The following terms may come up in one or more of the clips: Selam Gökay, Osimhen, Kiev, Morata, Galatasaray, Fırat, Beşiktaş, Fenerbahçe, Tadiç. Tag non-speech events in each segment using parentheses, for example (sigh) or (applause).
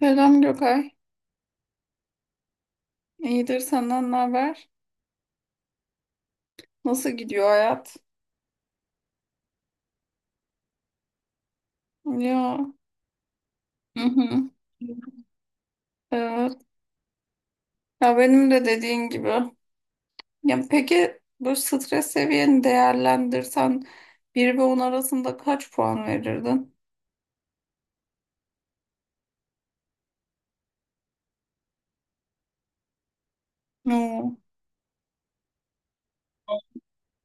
Selam Gökay. İyidir senden ne haber? Nasıl gidiyor hayat? Ya. Hı hı. Evet. Ya benim de dediğin gibi. Ya peki bu stres seviyeni değerlendirsen 1 ve 10 arasında kaç puan verirdin? Oo.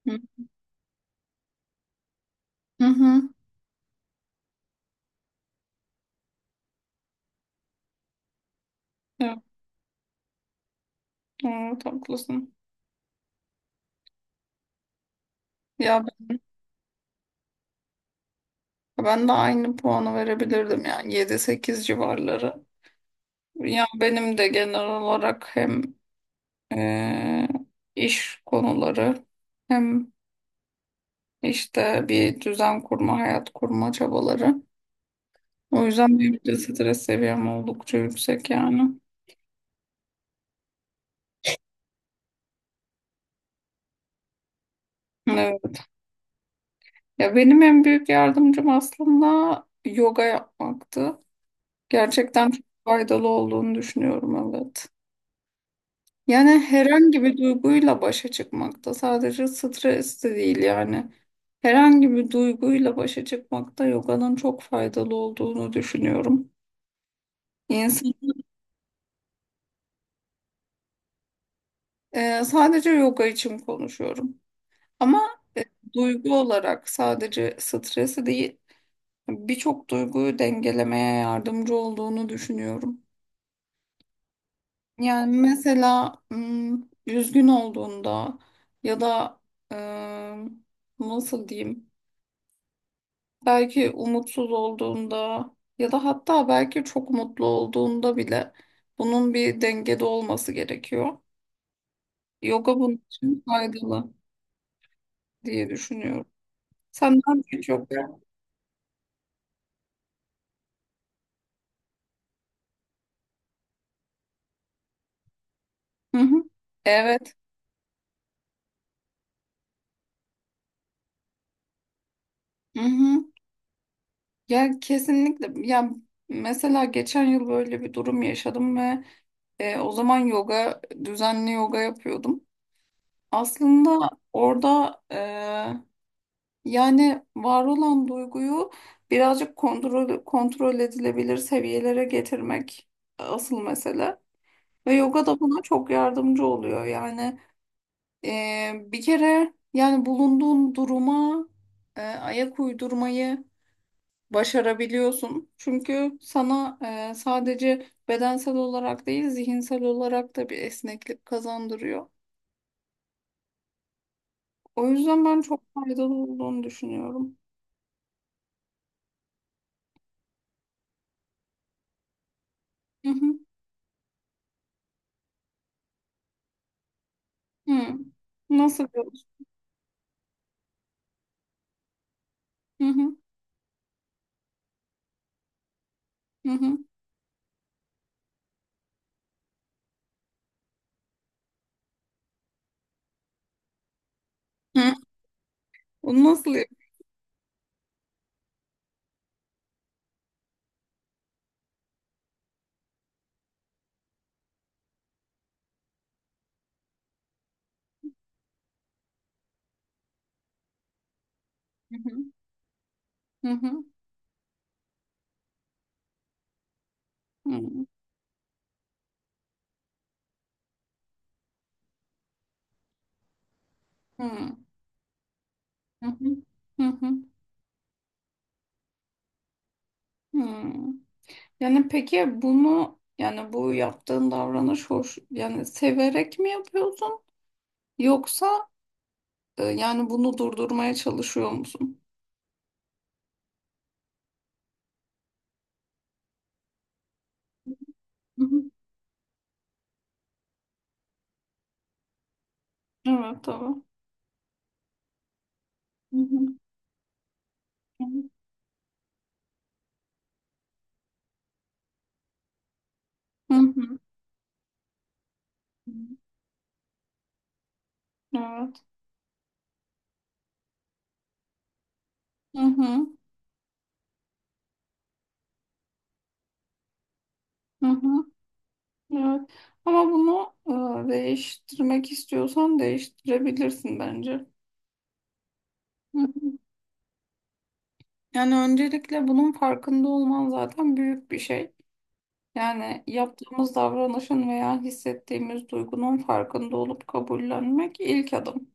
Hı hı. Hı. Evet, evet, haklısın. Ya ben de aynı puanı verebilirdim yani yedi sekiz civarları. Ya benim de genel olarak hem e, iş konuları hem işte bir düzen kurma, hayat kurma çabaları. O yüzden benim de stres seviyem oldukça yüksek yani. Evet. Ya benim en büyük yardımcım aslında yoga yapmaktı. Gerçekten çok faydalı olduğunu düşünüyorum, evet. Yani herhangi bir duyguyla başa çıkmakta, sadece stres de değil yani. Herhangi bir duyguyla başa çıkmakta yoganın çok faydalı olduğunu düşünüyorum. İnsan sadece yoga için konuşuyorum. Ama duygu olarak sadece stresi değil, birçok duyguyu dengelemeye yardımcı olduğunu düşünüyorum. Yani mesela üzgün olduğunda ya da eee, nasıl diyeyim, belki umutsuz olduğunda ya da hatta belki çok mutlu olduğunda bile bunun bir dengede olması gerekiyor. Yoga bunun için faydalı diye düşünüyorum. Senden çok Hı hı. Evet. Hı hı. Ya, kesinlikle. Ya mesela geçen yıl böyle bir durum yaşadım ve o zaman düzenli yoga yapıyordum. Aslında orada yani var olan duyguyu birazcık kontrol edilebilir seviyelere getirmek asıl mesele. Ve yoga da buna çok yardımcı oluyor. Yani bir kere yani bulunduğun duruma ayak uydurmayı başarabiliyorsun. Çünkü sana sadece bedensel olarak değil, zihinsel olarak da bir esneklik kazandırıyor. O yüzden ben çok faydalı olduğunu düşünüyorum. Hı hı. Hı. Nasıl yapıyorsun? Hı hı. Hı hı. Hı. Onu nasıl yapıyorsun? Hı hı. Hı hı. Hı hı. Hı hı. Hı hı. Yani peki bunu, yani bu yaptığın davranış hoş, yani severek mi yapıyorsun, yoksa yani bunu durdurmaya çalışıyor musun? Hı hı. Evet, tamam. Hı hı. Hı hı. Hı hı. Evet. Hı hı. Hı hı. Evet. Ama bunu değiştirmek istiyorsan değiştirebilirsin bence. Hı hı. Yani öncelikle bunun farkında olman zaten büyük bir şey. Yani yaptığımız davranışın veya hissettiğimiz duygunun farkında olup kabullenmek ilk adım.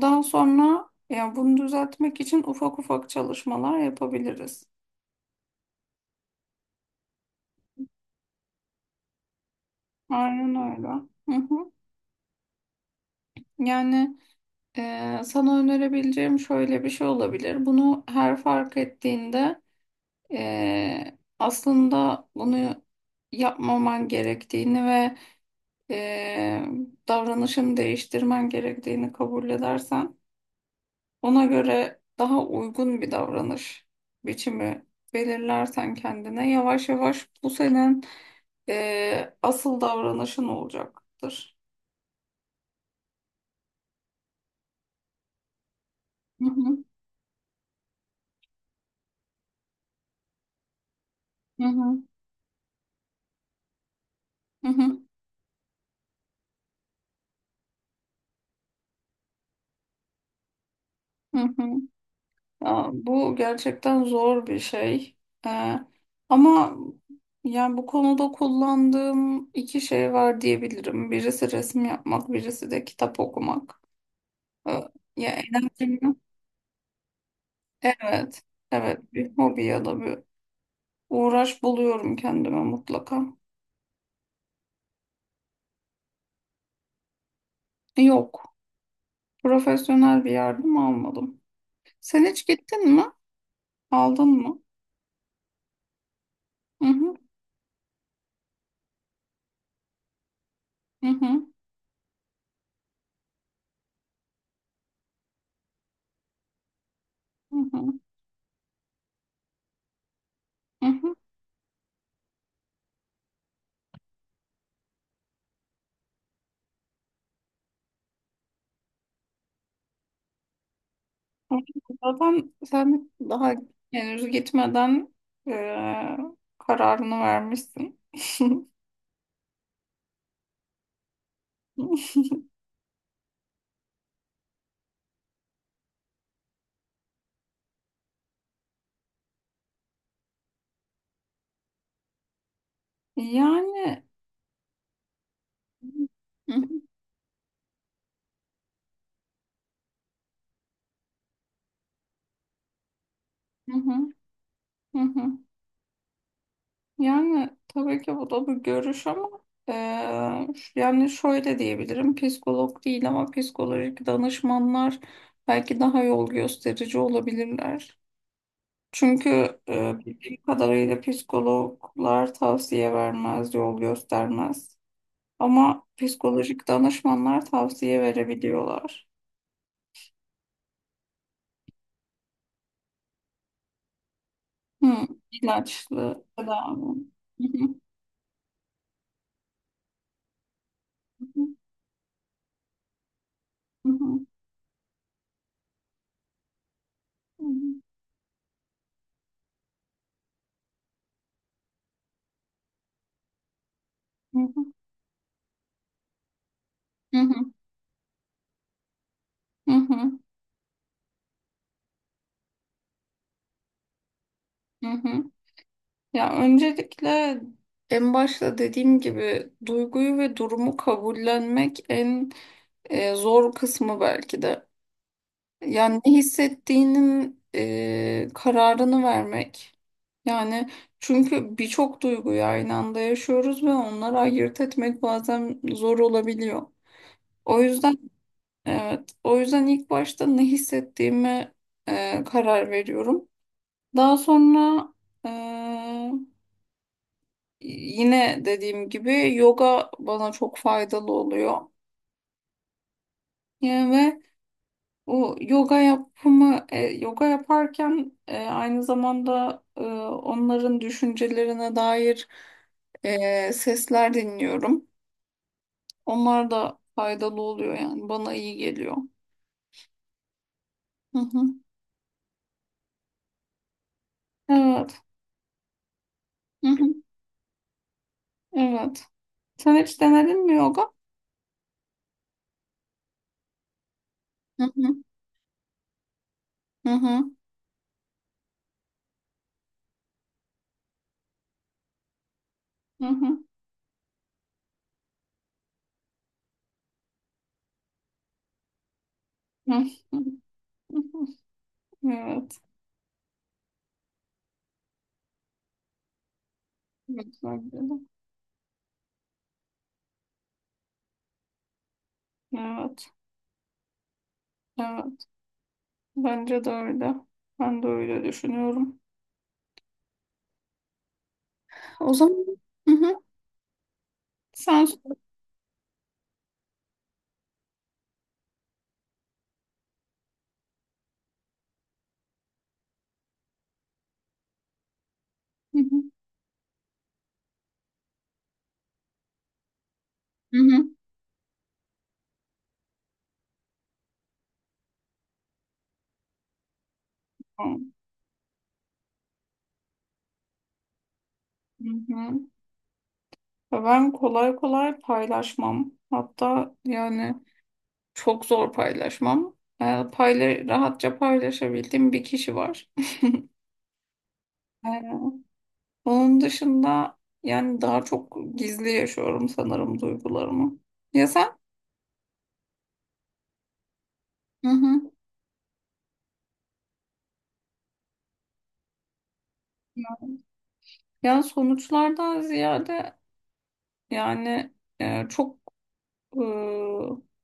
Daha sonra ya bunu düzeltmek için ufak ufak çalışmalar yapabiliriz. Aynen öyle. Hı hı. Yani sana önerebileceğim şöyle bir şey olabilir. Bunu her fark ettiğinde aslında bunu yapmaman gerektiğini ve ee, davranışını değiştirmen gerektiğini kabul edersen, ona göre daha uygun bir davranış biçimi belirlersen kendine, yavaş yavaş bu senin asıl davranışın olacaktır. Hı hı, hı hı, hı hı, hı hı. Ya, bu gerçekten zor bir şey. Ee, Ama yani bu konuda kullandığım iki şey var diyebilirim. Birisi resim yapmak, birisi de kitap okumak. Ee, ya enerjimi, evet, evet, bir hobi ya da bir uğraş buluyorum kendime mutlaka. Yok, profesyonel bir yardım almadım. Sen hiç gittin mi? Aldın mı? Hı hı, hı hı, hı hı, hı hı. Evet, zaten sen daha henüz gitmeden e, kararını vermişsin. (laughs) Yani. Hı hı, hı hı, hı hı. Yani tabii ki bu da bir görüş ama e, yani şöyle diyebilirim: psikolog değil ama psikolojik danışmanlar belki daha yol gösterici olabilirler. Çünkü bildiğim kadarıyla psikologlar tavsiye vermez, yol göstermez. Ama psikolojik danışmanlar tavsiye verebiliyorlar. Hı, ilaçlı tedavi. Hı hı, hı hı, hı hı, hı hı, hı hı, hı hı. Ya öncelikle, en başta dediğim gibi, duyguyu ve durumu kabullenmek en zor kısmı belki de. Yani ne hissettiğinin kararını vermek. Yani çünkü birçok duyguyu aynı anda yaşıyoruz ve onları ayırt etmek bazen zor olabiliyor. O yüzden evet, o yüzden ilk başta ne hissettiğime karar veriyorum. Daha sonra e, yine dediğim gibi yoga bana çok faydalı oluyor. Yani O yoga yapımı, e, yoga yaparken aynı zamanda onların düşüncelerine dair sesler dinliyorum. Onlar da faydalı oluyor, yani bana iyi geliyor. Hı hı. Evet. Hı hı. Evet. Sen hiç denedin mi yoga? Hı hı. Hı hı. Hı hı. Hı hı. Evet. Evet. Bence de. Evet. Evet. Bence de öyle. Ben de öyle düşünüyorum. O zaman Hı hı. Sen Hı hı. Hı hı. Hı hı. Ben kolay kolay paylaşmam. Hatta yani çok zor paylaşmam. Payla Rahatça paylaşabildiğim bir kişi var. Ee, Onun dışında yani daha çok gizli yaşıyorum sanırım duygularımı. Ya sen? Hı hı. Yani sonuçlardan ziyade yani çok e,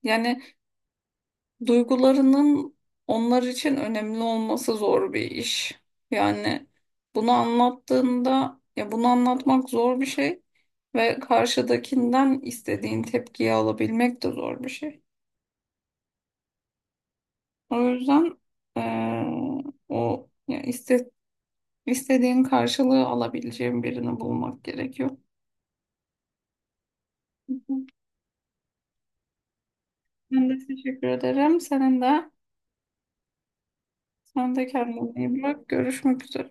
yani duygularının onlar için önemli olması zor bir iş. Yani bunu anlattığında, ya, bunu anlatmak zor bir şey ve karşıdakinden istediğin tepkiyi alabilmek de zor bir şey. O yüzden eee, o ya iste, istediğin karşılığı alabileceğin birini bulmak gerekiyor. Hı hı. Ben de teşekkür ederim. Sen de kendine iyi bak. Görüşmek üzere.